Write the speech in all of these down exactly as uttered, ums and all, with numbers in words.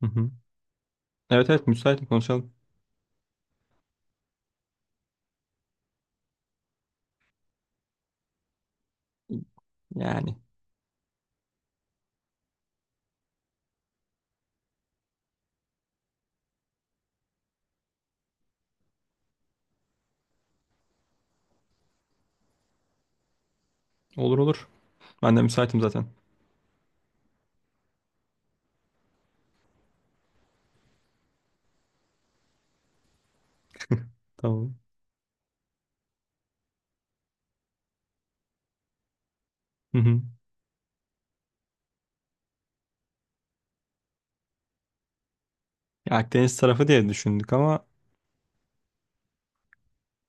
Hı hı. Evet evet, müsaitim, konuşalım. Yani, olur olur. Ben de müsaitim zaten. Tamam. Hı hı. Ya, Akdeniz tarafı diye düşündük ama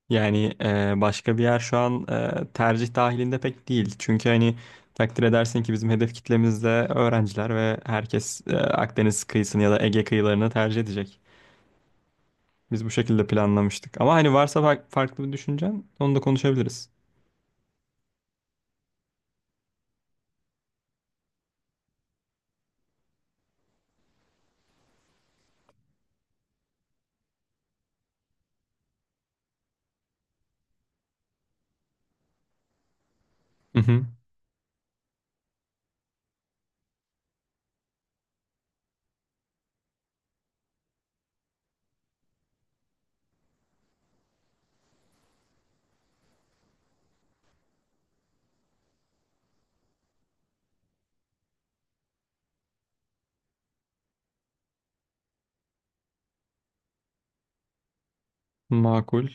yani e, başka bir yer şu an e, tercih dahilinde pek değil. Çünkü hani takdir edersin ki bizim hedef kitlemizde öğrenciler ve herkes e, Akdeniz kıyısını ya da Ege kıyılarını tercih edecek. Biz bu şekilde planlamıştık. Ama hani varsa fa- farklı bir düşüncen, onu da konuşabiliriz. Hı hı. Makul.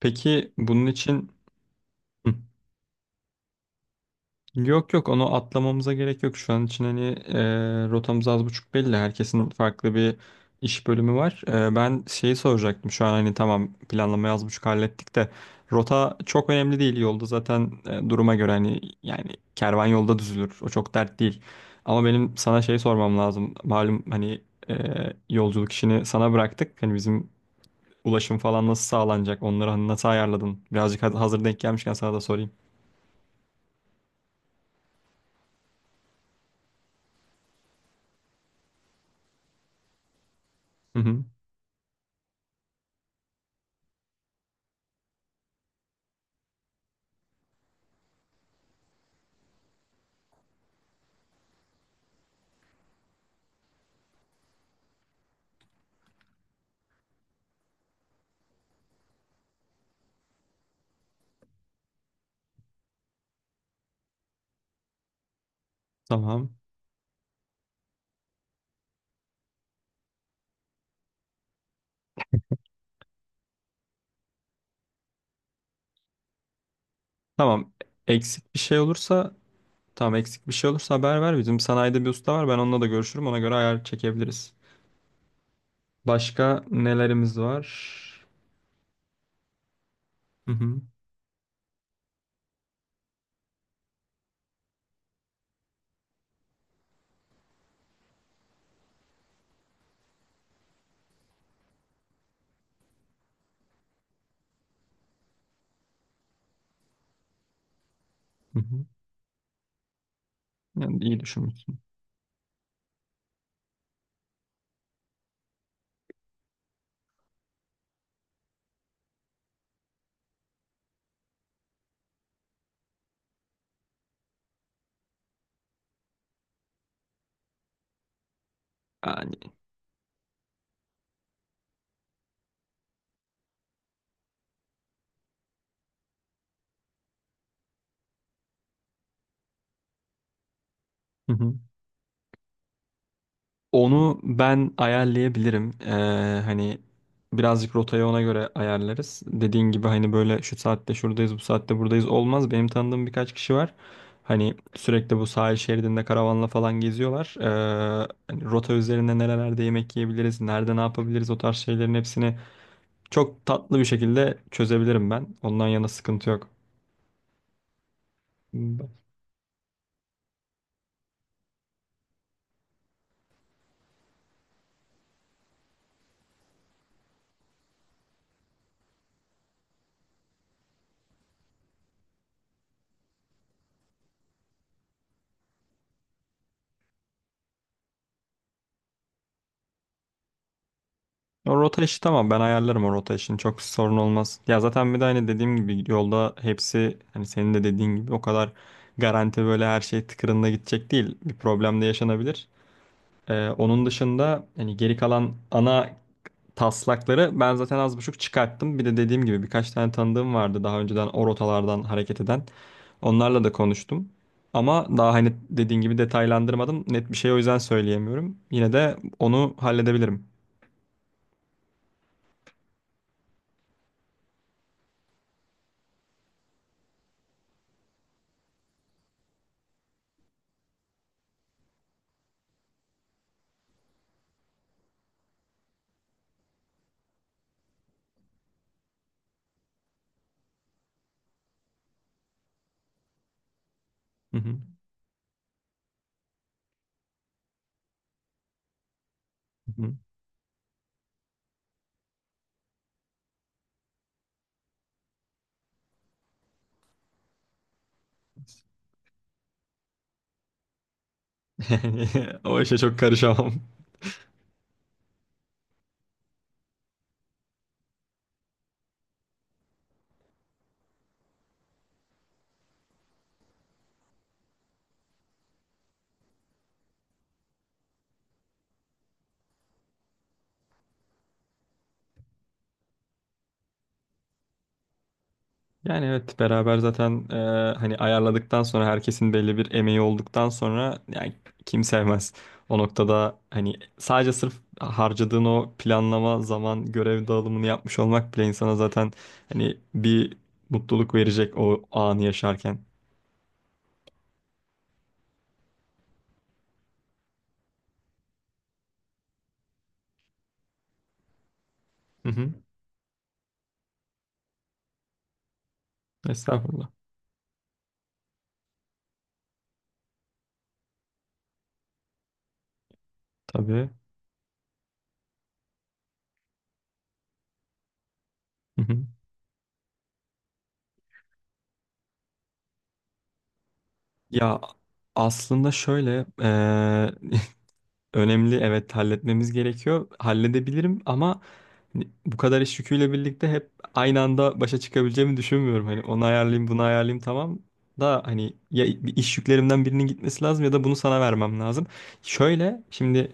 Peki bunun için... Hı. Yok yok, onu atlamamıza gerek yok. Şu an için hani e, rotamız az buçuk belli. Herkesin farklı bir iş bölümü var. E, ben şeyi soracaktım. Şu an hani tamam, planlamayı az buçuk hallettik de rota çok önemli değil. Yolda zaten e, duruma göre hani yani kervan yolda düzülür. O çok dert değil. Ama benim sana şey sormam lazım. Malum hani e, yolculuk işini sana bıraktık. Hani bizim ulaşım falan nasıl sağlanacak? Onları hani nasıl ayarladın? Birazcık hazır denk gelmişken sana da sorayım. Hı hı, tamam. Tamam. Eksik bir şey olursa, tamam, eksik bir şey olursa haber ver. Bizim sanayide bir usta var. Ben onunla da görüşürüm. Ona göre ayar çekebiliriz. Başka nelerimiz var? Hı hı. Hı hı. Yani iyi düşünmüşsün. Yani. Hı hı. Onu ben ayarlayabilirim. Ee, hani birazcık rotayı ona göre ayarlarız. Dediğin gibi hani böyle şu saatte şuradayız, bu saatte buradayız olmaz. Benim tanıdığım birkaç kişi var. Hani sürekli bu sahil şeridinde karavanla falan geziyorlar. Ee, hani rota üzerinde nerelerde yemek yiyebiliriz, nerede ne yapabiliriz, o tarz şeylerin hepsini çok tatlı bir şekilde çözebilirim ben. Ondan yana sıkıntı yok. O rota işi tamam, ben ayarlarım o rota işini, çok sorun olmaz. Ya zaten bir de hani dediğim gibi yolda hepsi, hani senin de dediğin gibi, o kadar garanti böyle her şey tıkırında gidecek değil. Bir problem de yaşanabilir. Ee, onun dışında hani geri kalan ana taslakları ben zaten az buçuk çıkarttım. Bir de dediğim gibi birkaç tane tanıdığım vardı daha önceden o rotalardan hareket eden. Onlarla da konuştum. Ama daha hani dediğin gibi detaylandırmadım. Net bir şey o yüzden söyleyemiyorum. Yine de onu halledebilirim. Hı hı. Hı hı. Yani o işe çok karışamam. Yani evet, beraber zaten e, hani ayarladıktan sonra, herkesin belli bir emeği olduktan sonra, yani kim sevmez. O noktada hani sadece sırf harcadığın o planlama zaman, görev dağılımını yapmış olmak bile insana zaten hani bir mutluluk verecek o anı yaşarken. Hı hı. Estağfurullah. Tabii. Hı hı. Ya aslında şöyle e, önemli, evet, halletmemiz gerekiyor. Halledebilirim ama hani bu kadar iş yüküyle birlikte hep aynı anda başa çıkabileceğimi düşünmüyorum. Hani onu ayarlayayım, bunu ayarlayayım, tamam da hani ya bir iş yüklerimden birinin gitmesi lazım ya da bunu sana vermem lazım. Şöyle şimdi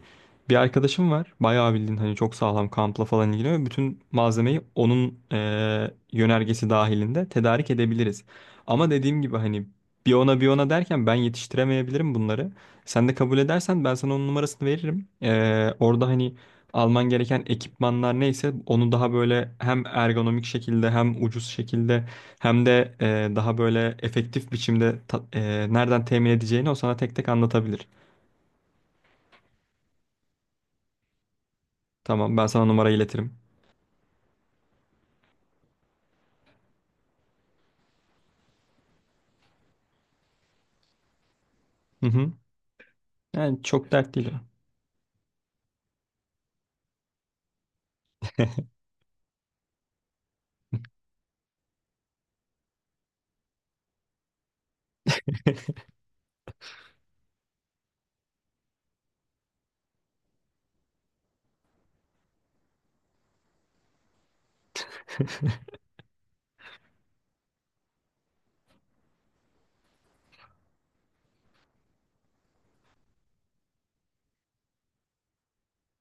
bir arkadaşım var. Bayağı bildiğin hani çok sağlam kampla falan ilgileniyor. Bütün malzemeyi onun eee, yönergesi dahilinde tedarik edebiliriz. Ama dediğim gibi hani bir ona bir ona derken ben yetiştiremeyebilirim bunları. Sen de kabul edersen ben sana onun numarasını veririm. Eee, orada hani alman gereken ekipmanlar neyse onu daha böyle hem ergonomik şekilde, hem ucuz şekilde, hem de e, daha böyle efektif biçimde ta- e, nereden temin edeceğini o sana tek tek anlatabilir. Tamam, ben sana numara iletirim. Hı hı. Yani çok dert değil o.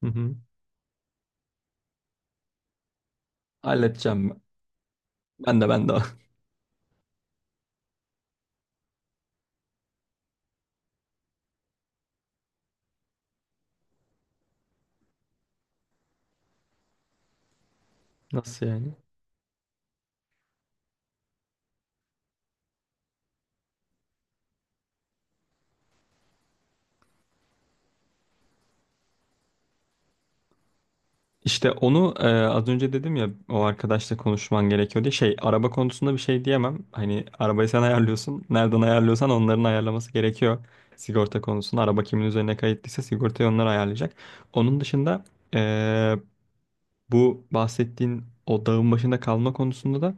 Hı hı. Halledeceğim ben. Ben de, ben de. Nasıl yani? İşte onu e, az önce dedim ya o arkadaşla konuşman gerekiyor diye. Şey, araba konusunda bir şey diyemem. Hani arabayı sen ayarlıyorsun. Nereden ayarlıyorsan onların ayarlaması gerekiyor. Sigorta konusunda araba kimin üzerine kayıtlıysa sigortayı onlar ayarlayacak. Onun dışında e, bu bahsettiğin o dağın başında kalma konusunda da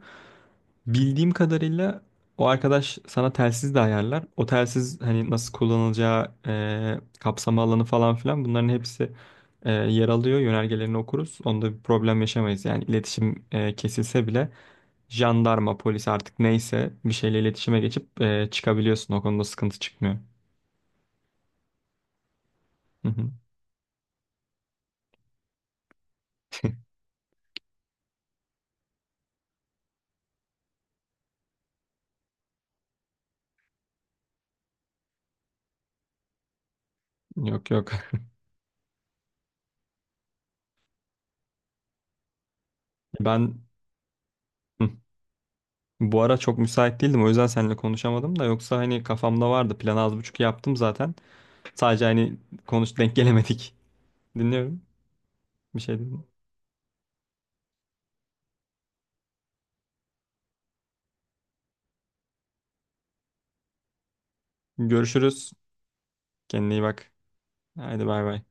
bildiğim kadarıyla o arkadaş sana telsiz de ayarlar. O telsiz hani nasıl kullanılacağı, e, kapsama alanı falan filan, bunların hepsi e, yer alıyor. Yönergelerini okuruz. Onda bir problem yaşamayız. Yani iletişim e, kesilse bile jandarma, polis, artık neyse bir şeyle iletişime geçip e, çıkabiliyorsun. O konuda sıkıntı çıkmıyor. Hı hı. Yok yok. Ben hı, bu ara çok müsait değildim. O yüzden seninle konuşamadım da yoksa hani kafamda vardı. Planı az buçuk yaptım zaten. Sadece hani konuş denk gelemedik. Dinliyorum. Bir şey dedim. Görüşürüz. Kendine iyi bak. Haydi bay bay.